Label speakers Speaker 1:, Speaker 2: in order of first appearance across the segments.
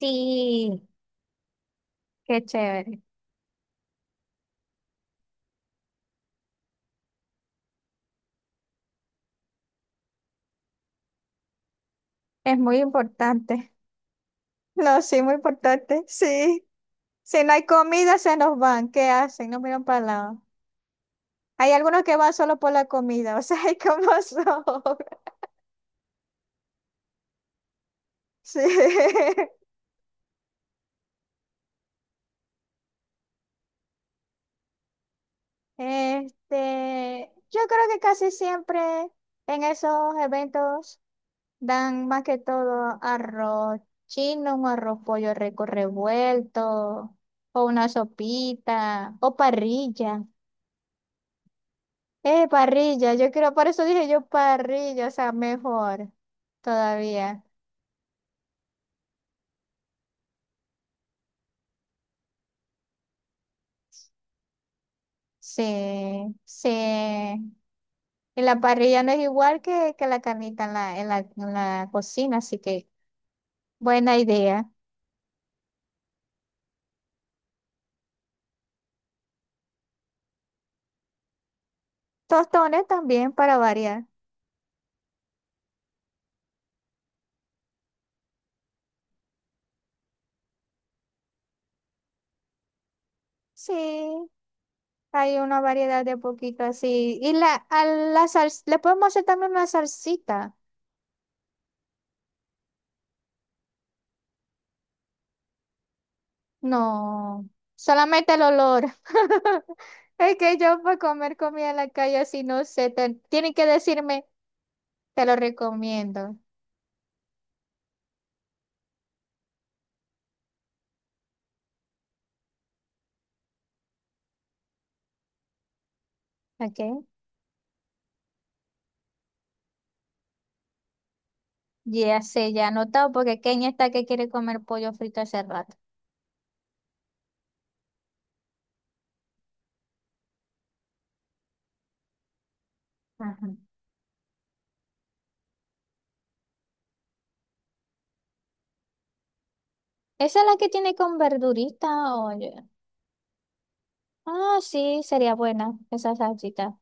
Speaker 1: Sí, qué chévere. Es muy importante. No, sí, muy importante. Sí. Si no hay comida, se nos van. ¿Qué hacen? No miran para el lado. Hay algunos que van solo por la comida. O sea, hay como son. Sí. Este, yo creo que casi siempre en esos eventos dan más que todo arroz chino, un arroz pollo rico revuelto, o una sopita, o parrilla. Parrilla, yo quiero, por eso dije yo parrilla, o sea, mejor todavía. Sí, sí. Y la parrilla no es igual que la carnita en la cocina, así que buena idea. Tostones también para variar. Sí, hay una variedad de poquito así. Y a la sal- le podemos hacer también una salsita. No, solamente el olor. Es que yo para comer comida en la calle así no sé, te- tienen que decirme, te lo recomiendo. ¿Ok? Ya sé, ya he anotado porque Kenia está que quiere comer pollo frito hace rato. Ajá. ¿Esa es la que tiene con verdurita? Oye. Ah, sí, sería buena esa salsita.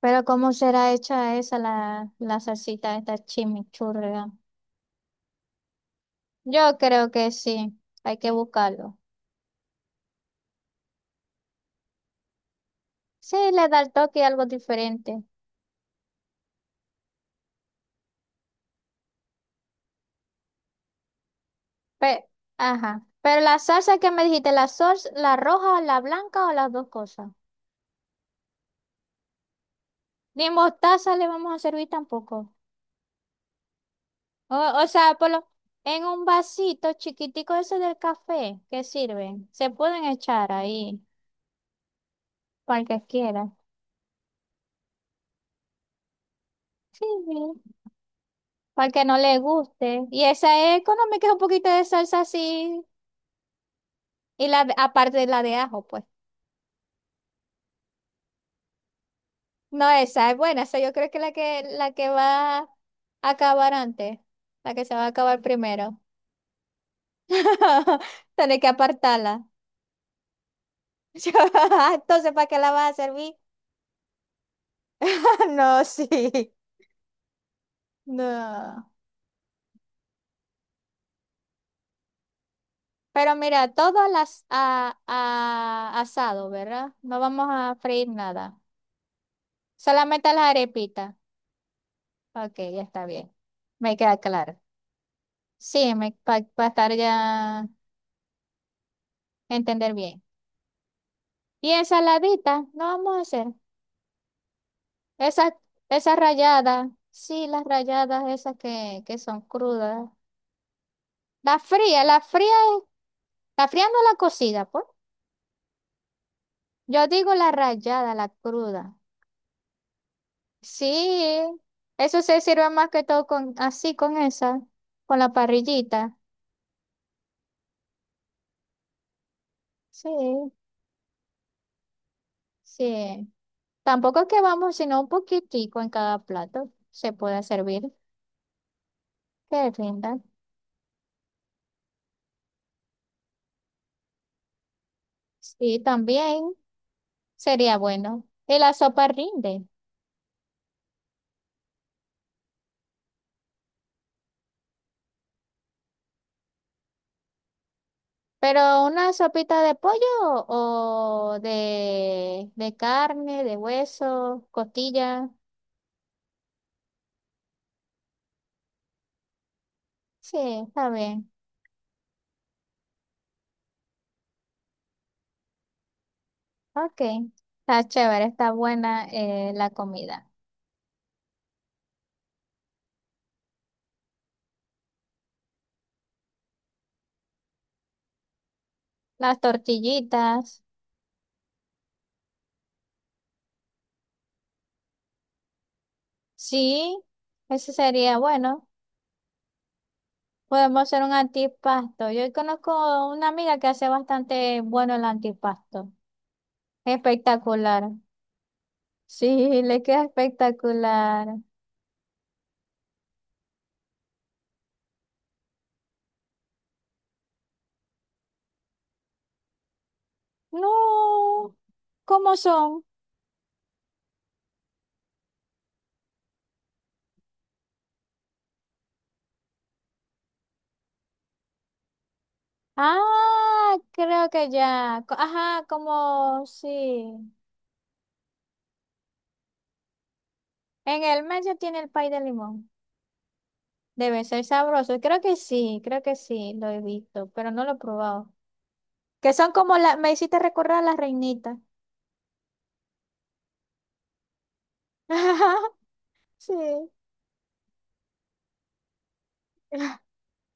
Speaker 1: Pero ¿cómo será hecha esa la salsita, esta chimichurria? Yo creo que sí, hay que buscarlo. Sí, le da el toque algo diferente. Pe- Ajá. Pero la salsa que me dijiste, la salsa, la roja, la blanca o las dos cosas. Ni mostaza le vamos a servir tampoco. O, o sea, por lo- en un vasito chiquitico ese del café que sirven, se pueden echar ahí, para el que quiera. Sí, sí, para el que no le guste. Y esa es económica, es un poquito de salsa así. Y la de- aparte de la de ajo, pues. No, esa es buena. Esa yo creo que es la que va a acabar antes. La que se va a acabar primero. Tenés que apartarla. Entonces, ¿para qué la vas a servir? No, sí. No. Pero mira, todo al asado, ¿verdad? No vamos a freír nada. Solamente las arepitas. Ok, ya está bien. Me queda claro. Sí, me, para estar ya, entender bien. Y ensaladita, no vamos a hacer. Esas, Esas ralladas. Sí, las ralladas esas que son crudas. La fría, la fría. La fría no la cocida, pues. Yo digo la rallada, la cruda. Sí, eso se sirve más que todo con, así, con esa, con la parrillita. Sí, sí. Tampoco es que vamos, sino un poquitico en cada plato. Se puede servir, que rinda. Sí, también sería bueno. Y la sopa rinde. Pero una sopita de pollo o de carne, de hueso, costilla. Sí, está bien. Ok, está chévere, está buena la comida. Las tortillitas, sí, eso sería bueno. Podemos hacer un antipasto. Yo conozco una amiga que hace bastante bueno el antipasto. Espectacular. Sí, le queda espectacular. No, ¿cómo son? Ah, creo que ya. Co- Ajá, como sí. En el medio tiene el pay de limón. Debe ser sabroso. Creo que sí, lo he visto, pero no lo he probado. Que son como las, me hiciste recordar a las reinitas. Sí.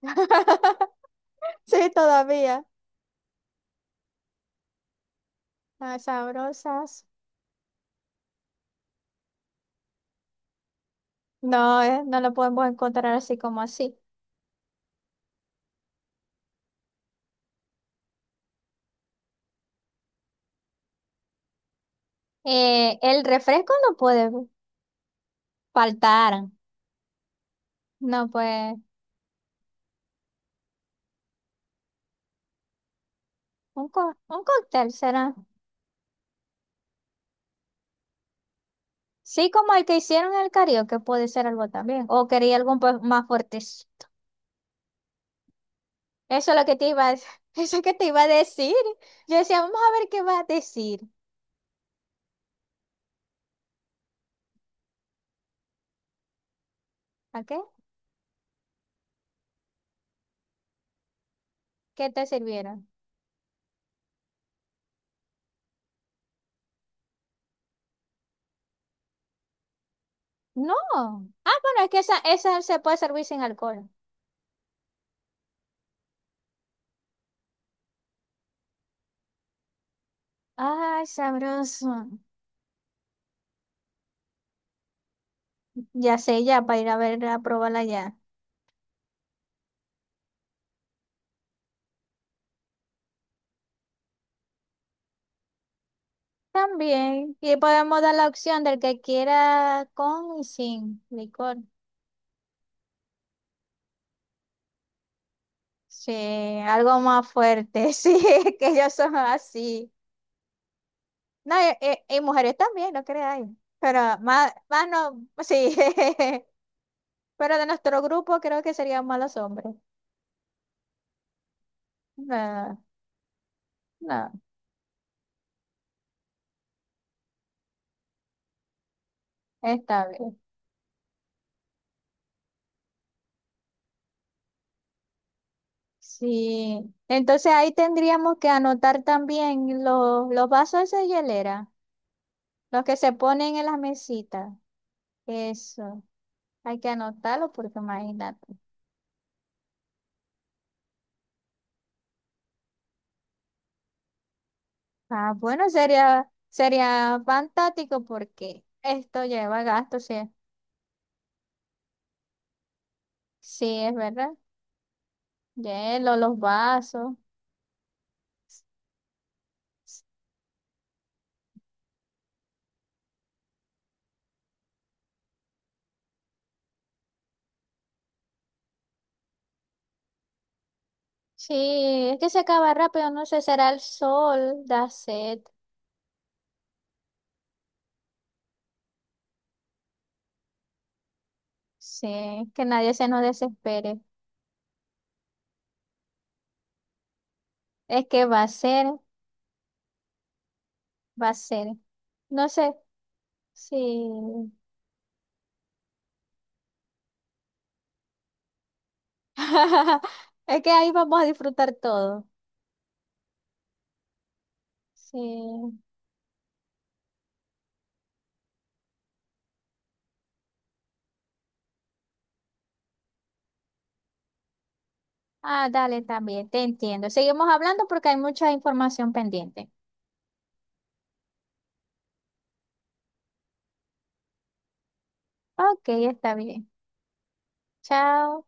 Speaker 1: Sí, todavía. Ah, sabrosas. No, no lo podemos encontrar así como así. El refresco no puede faltar. No, pues, un, co- un cóctel será. Sí, como el que hicieron en el karaoke, puede ser algo también. O quería algo un po- más fuerte. Eso es lo que te iba a, eso es que te iba a decir. Yo decía, vamos a ver qué va a decir. ¿A qué? ¿Qué te sirvieron? No. Ah, bueno, es que esa se puede servir sin alcohol. Ay, sabroso. Ya sé, ya, para ir a ver, a probarla ya. También. Y podemos dar la opción del que quiera con y sin licor. Sí, algo más fuerte. Sí, es que ellos son así. No, y mujeres también, no creáis. Pero más, más no, sí. Pero de nuestro grupo creo que serían malos hombres. No, no, está bien. Sí. Entonces ahí tendríamos que anotar también los vasos de hielera, los que se ponen en las mesitas. Eso, hay que anotarlo porque imagínate. Ah, bueno, sería, sería fantástico porque esto lleva gasto, sí. Sí, es verdad. Hielo, los vasos. Sí, es que se acaba rápido, no sé, será el sol, da sed. Sí, que nadie se nos desespere. Es que va a ser, va a ser. No sé, sí. Es que ahí vamos a disfrutar todo. Sí. Ah, dale, también, te entiendo. Seguimos hablando porque hay mucha información pendiente. Ok, está bien. Chao.